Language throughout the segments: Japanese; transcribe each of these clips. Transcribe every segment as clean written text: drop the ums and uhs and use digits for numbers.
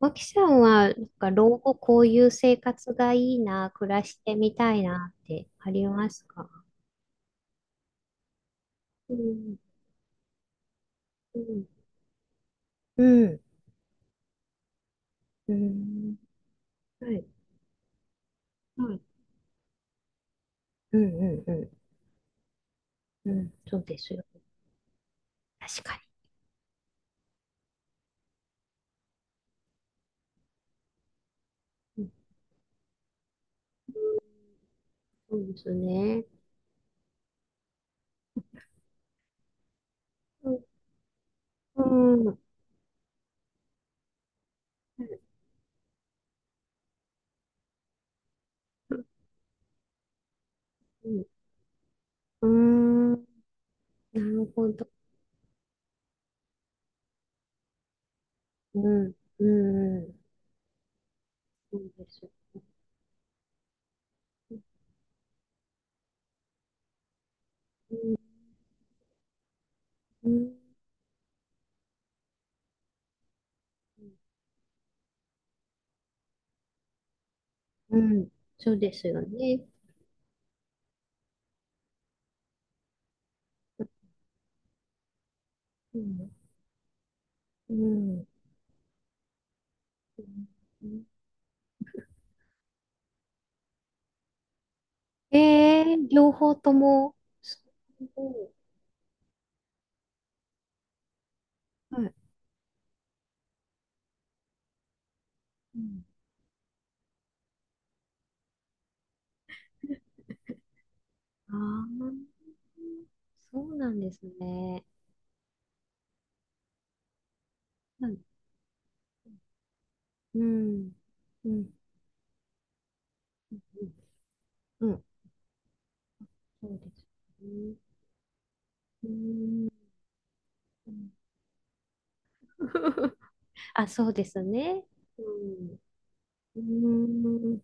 脇さんは、なんか老後こういう生活がいいな、暮らしてみたいなってありますか？うん、うん、うん、うん、はい、はい。うん、うん、うん、うん、そうですよ。確かに。うん。そうですね。うん、うん、うん、うん。なるほど。うん、うん、うん。そうです。うん、うん、うん。そうですよね。うん、うん、うん。ええー、両方とも。すごい。はい。うん。ああ、そうなんですね。はい。うん。うん。うん。うん。そうですね。うん。うん。 あ、そうですね。うん。うん。うん。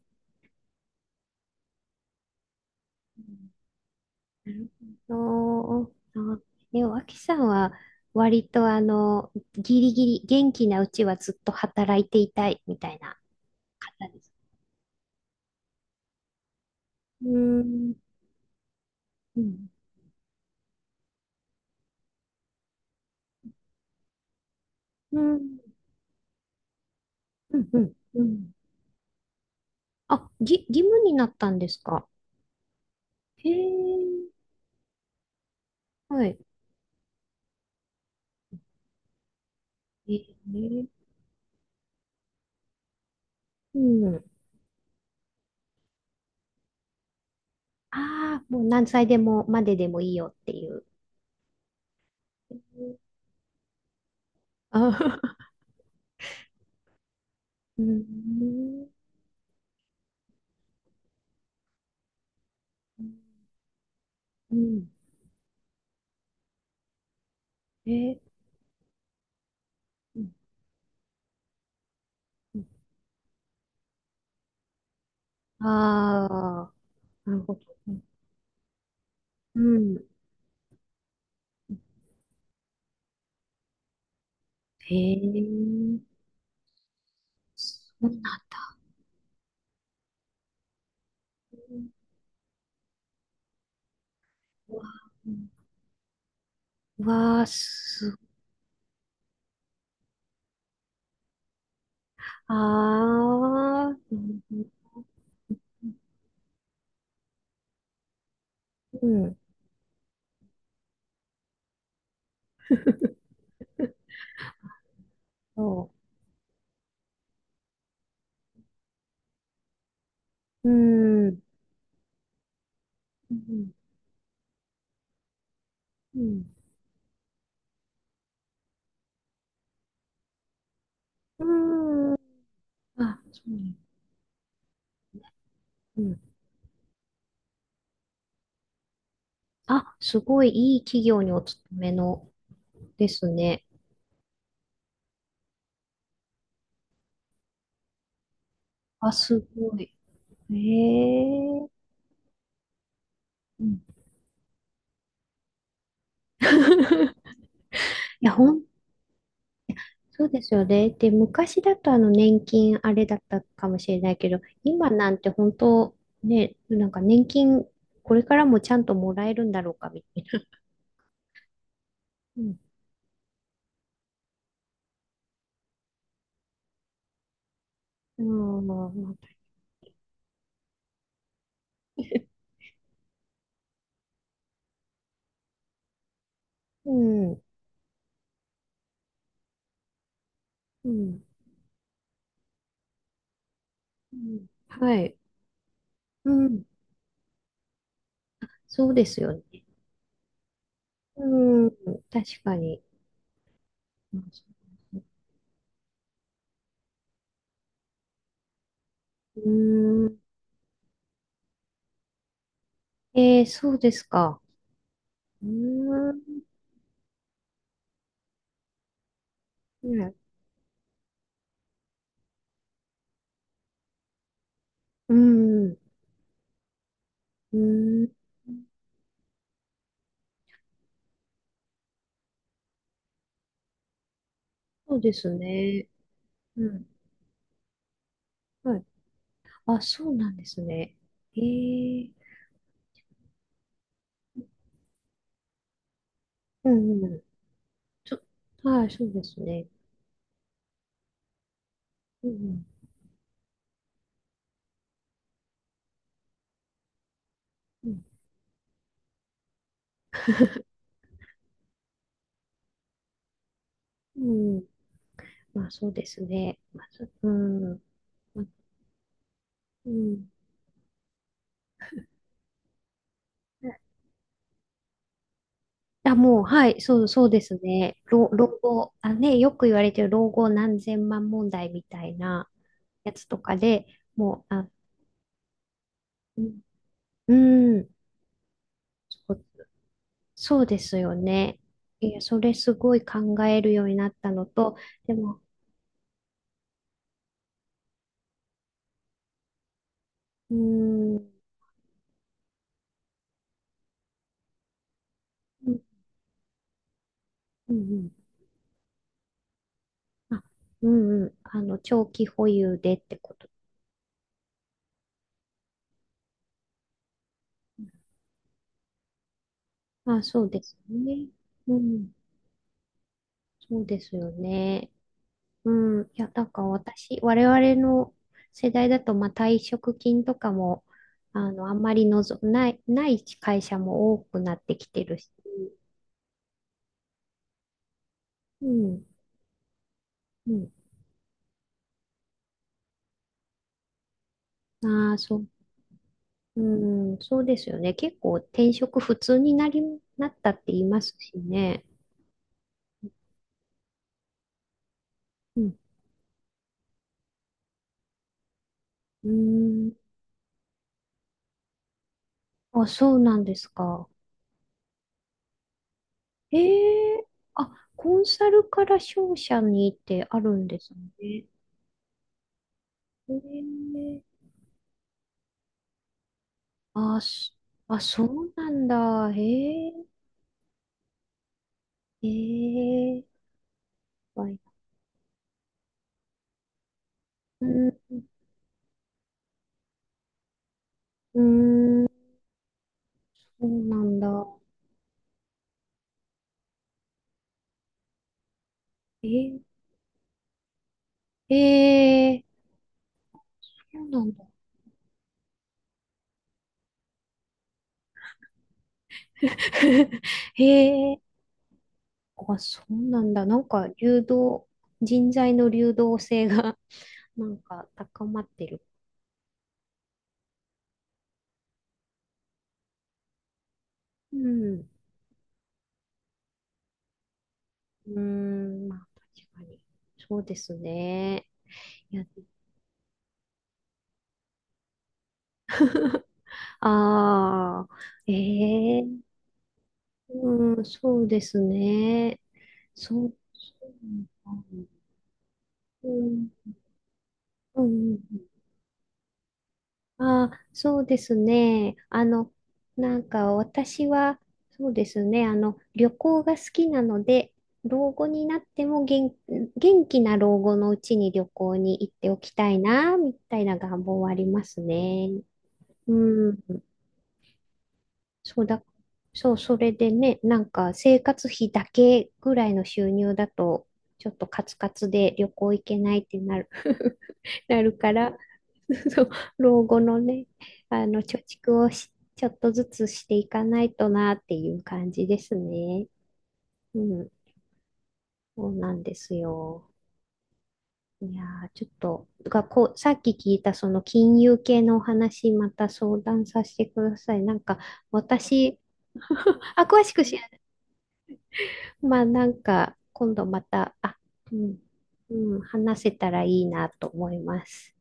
なるほど。あ、脇さんは割とあの、ギリギリ元気なうちはずっと働いていたいみたいな方です。うーん、うん、うん、うん、うん。うん。あ、義務になったんですか？へえ、はい。ええ、うん。ああ、もう何歳でも、まででもいいよっていう。ああ、うん、うん。ええ、うん。ああ、なるほど。うん。へえ、そうなんだ。うわあ、うわあす、ああ、うん。うん。そう。うーん。うん。うん。うーん。あ、そうね。うん。あ、すごいいい企業にお勤めのですね。あ、すごい。ええ。うん。いや、そうですよね。で、昔だとあの年金あれだったかもしれないけど、今なんて本当、ね、なんか年金これからもちゃんともらえるんだろうかみたいな。うん。うん。うん。うん。うん、はい。うん。そうですよね。うん。確かに。うん。えー、そうですか。うん。ね。うん。うん。そうですね。うん。はい。あ、そうなんですね。えー。うん。うん。ちょ、はい、そうですね。うん。うん。うん。まあ、そうですね。まあ、そうん。まあ。うん。あ、もう、はい、そう、そうですね。老後、あ、ね、よく言われてる老後何千万問題みたいなやつとかで、もう、あ、うん、うん。そう、そうですよね。いや、それすごい考えるようになったのと、でも、うーん、うん、うん、あ、うん、うん、あの、長期保有でってこと。あ、そうですね。うん、そうですよね。うん、いや、なんか私、我々の世代だと、まあ、退職金とかも、あの、あんまりない会社も多くなってきてるし、うん、うん、ああ、そう、うん、そうですよね。結構転職普通になったって言いますしね。うん、うん、あ、そうなんですか？ええ。あ、コンサルから商社にってあるんですね。ええ。あ、あ、そうなんだ。へえ、へえ、はい。うん、うーん、そうなんだ。え、へえ、そうなんだ。へえ、あ、そうなんだ。なんか、人材の流動性が なんか高まってる。うん、うーん、まあ、確かに。そうですね。いや、ああ、ええ、うん、そうですね。そう、そうなんだ。うん、うん、うん。ああ、そうですね。あの、なんか私は、そうですね。あの、旅行が好きなので、老後になっても元気な老後のうちに旅行に行っておきたいな、みたいな願望はありますね。うん。そうだ、そう、それでね、なんか生活費だけぐらいの収入だと、ちょっとカツカツで旅行行けないってなる。なるから、そう、老後のね、あの、貯蓄をし、ちょっとずつしていかないとなっていう感じですね。うん、そうなんですよ。いやー、ちょっと、がこう、さっき聞いたその金融系のお話、また相談させてください。なんか、私、あ、詳しく知らない。まあ、なんか、今度また、あ、うん、うん、話せたらいいなと思います。